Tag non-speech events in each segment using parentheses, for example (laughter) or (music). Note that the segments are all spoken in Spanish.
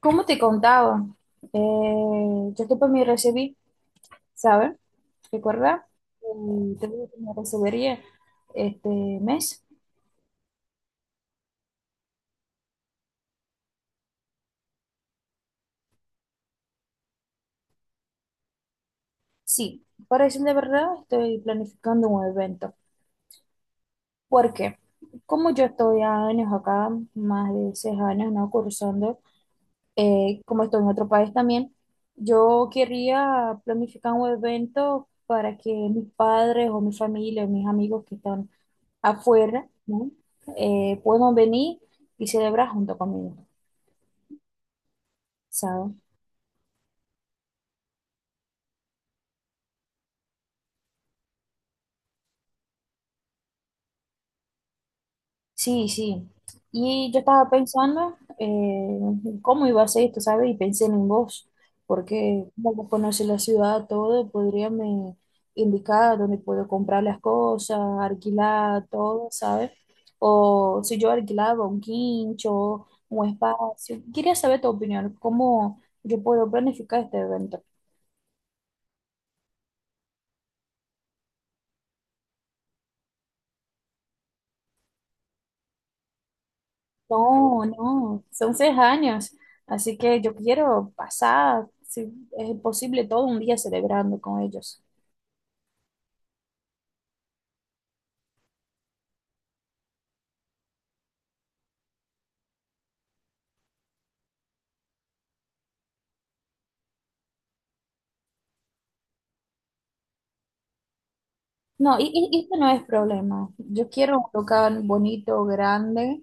Como te contaba, eh, yo después me recibí, ¿sabes? ¿Recuerda? Te que me recibiría este mes. Sí, para decir de verdad, estoy planificando un evento. ¿Por qué? Como yo estoy años acá, más de 6 años, ¿no? Cursando, como estoy en otro país también, yo quería planificar un evento para que mis padres o mi familia, mis amigos que están afuera, ¿no? Puedan venir y celebrar junto conmigo, ¿sabes? Sí, sí. Y yo estaba pensando cómo iba a ser esto, ¿sabes? Y pensé en vos, porque como vos conocés la ciudad, todo, podría me indicar dónde puedo comprar las cosas, alquilar, todo, ¿sabes? O si yo alquilaba un quincho, un espacio. Quería saber tu opinión, cómo yo puedo planificar este evento. No, no, son 3 años, así que yo quiero pasar, si es posible, todo un día celebrando con ellos. No, y esto no es problema. Yo quiero un local bonito, grande,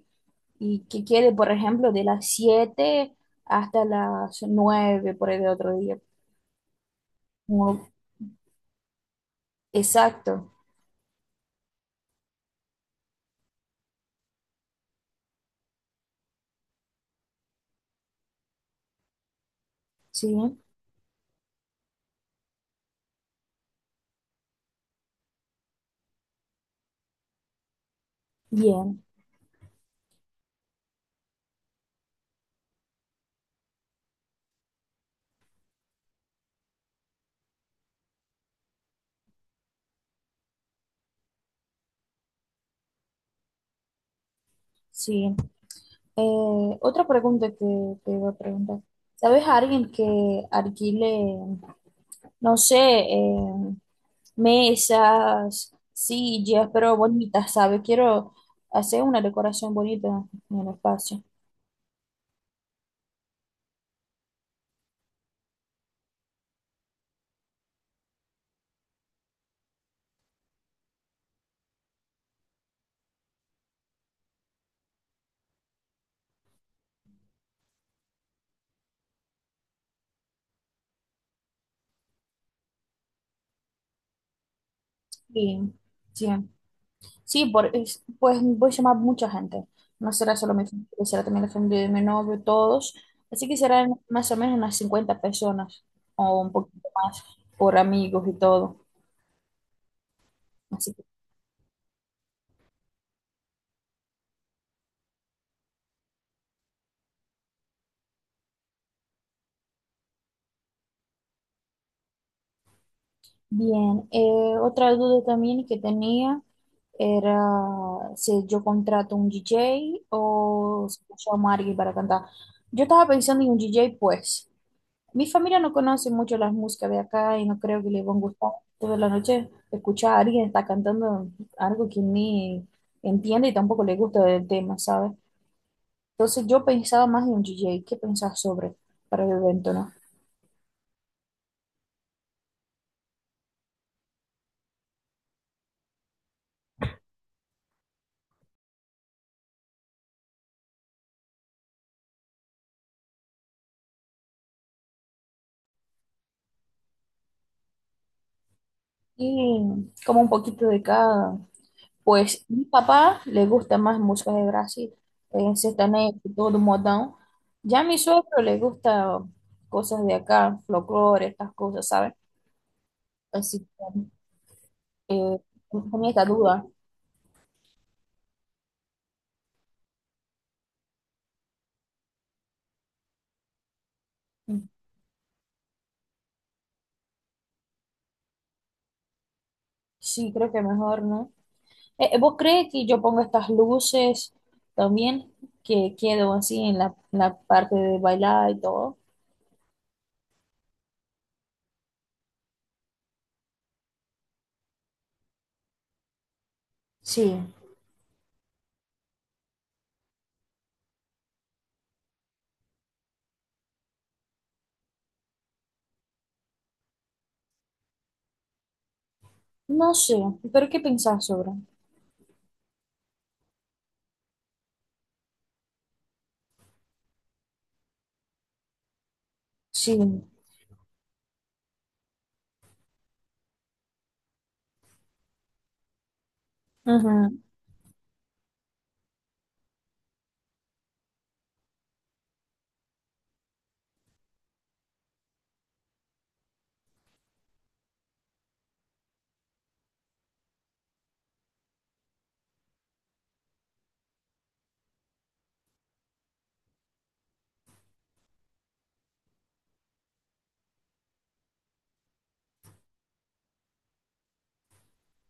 y que quede, por ejemplo, de las 7 hasta las 9 por el otro día. Como- Exacto, sí, bien, sí. Otra pregunta que te iba a preguntar. ¿Sabes a alguien que alquile? No sé, mesas, sillas, pero bonitas, ¿sabes? Quiero hacer una decoración bonita en el espacio. Sí, sí, sí, pues voy a llamar mucha gente. No será solo mi familia, será también la familia de mi novio, todos. Así que serán más o menos unas 50 personas o un poquito más por amigos y todo. Así que, bien, otra duda también que tenía. Era si yo contrato un DJ o si yo llamo a alguien para cantar. Yo estaba pensando en un DJ, pues mi familia no conoce mucho las músicas de acá y no creo que les van a gustar toda la noche escuchar a alguien está cantando algo que ni entiende y tampoco le gusta del tema, ¿sabes? Entonces yo pensaba más en un DJ, ¿qué pensás sobre para el evento, no? Y como un poquito de cada, pues mi papá le gusta más música de Brasil, sertanejo y todo modão. Ya a mi suegro le gusta cosas de acá, folclore, estas cosas, ¿sabes? Así que eh, tenía esta duda. Sí, creo que mejor, ¿no? ¿Vos crees que yo pongo estas luces también, que quedo así en la parte de bailar y todo? Sí, no sé, pero ¿qué pensás sobre? Sí, ujú.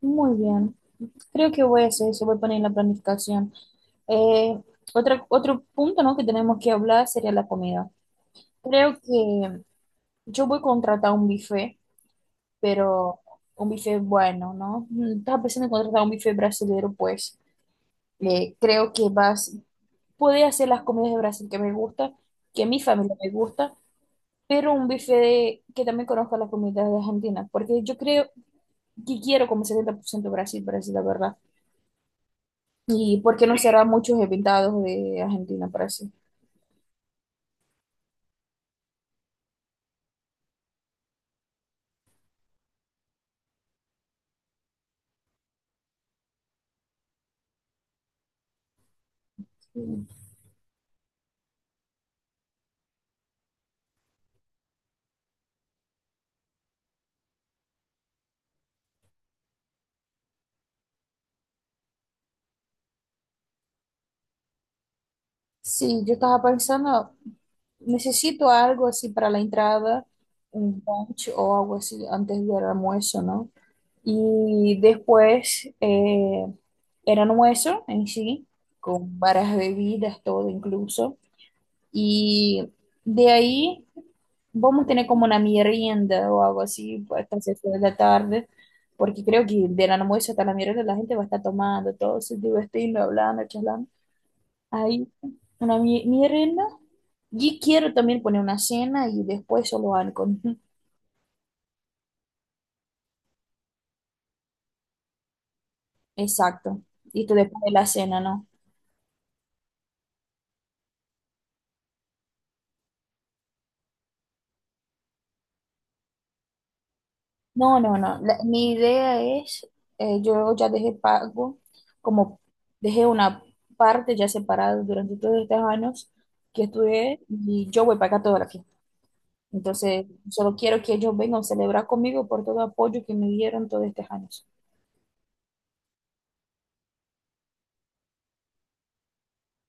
Muy bien. Creo que voy a hacer eso, voy a poner en la planificación. Eh, otro punto, ¿no? Que tenemos que hablar sería la comida. Creo que yo voy a contratar un buffet, pero un buffet bueno, ¿no? Estaba pensando en contratar un buffet brasileño, pues creo que vas, puede hacer las comidas de Brasil que me gusta, que a mi familia me gusta, pero un buffet que también conozca las comidas de Argentina, porque yo creo que quiero como 70% Brasil, Brasil, la verdad. ¿Y por qué no será muchos invitados de Argentina para sí? Sí, yo estaba pensando, necesito algo así para la entrada, un lunch o algo así antes del almuerzo, ¿no? Y después el almuerzo en sí, con varias bebidas, todo incluso. Y de ahí vamos a tener como una merienda o algo así pues, hasta las 6 de la tarde, porque creo que del almuerzo hasta la merienda la gente va a estar tomando, todo se divirtiendo, hablando, charlando. Ahí, una merienda. Y quiero también poner una cena y después solo algo. (laughs) Exacto. Y esto después de la cena, ¿no? No, no, no. Mi idea es, yo ya dejé pago, como dejé una parte ya separada durante todos estos años que estudié y yo voy a pagar todo lo. Entonces, solo quiero que ellos vengan a celebrar conmigo por todo el apoyo que me dieron todos estos años.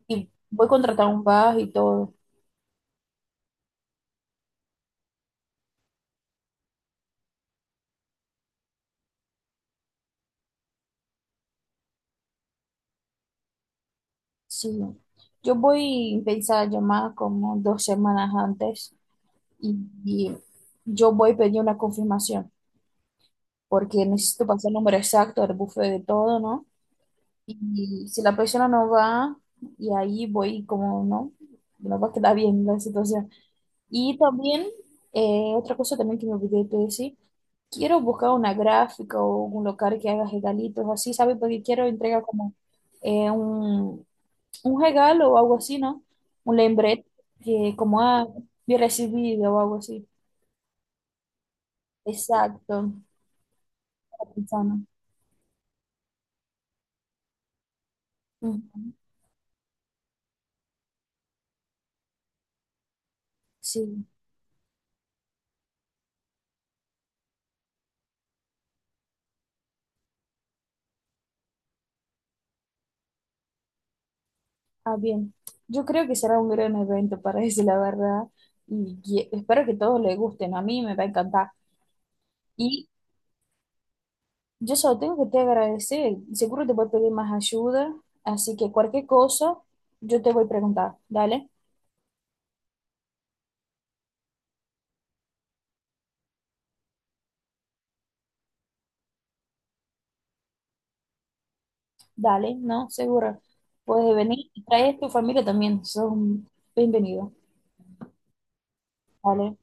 Y voy a contratar un bus y todo. Sí, ¿no? Yo voy a pensar llamar como 2 semanas antes y, y yo voy a pedir una confirmación porque necesito pasar el número exacto del buffet de todo, ¿no? Y si la persona no va, y ahí voy como, ¿no? No va a quedar bien la situación. Y también, otra cosa también que me olvidé de decir, quiero buscar una gráfica o un local que haga regalitos así, ¿sabes? Porque quiero entregar como eh, un, un regalo o algo así, ¿no? Un lembrete que como, yo recibido o algo así. Exacto, está pensando. Ujú. Sí, ah, bien. Yo creo que será un gran evento para (laughs) ese, la verdad espero que todos les gusten. A mí me va a encantar. Y yo solo tengo que te agradecer. Seguro te voy a pedir más ayuda, así que cualquier cosa yo te voy a preguntar. Dale, dale, no, seguro. Puedes venir y traes tu familia también. Son bienvenidos. Dale.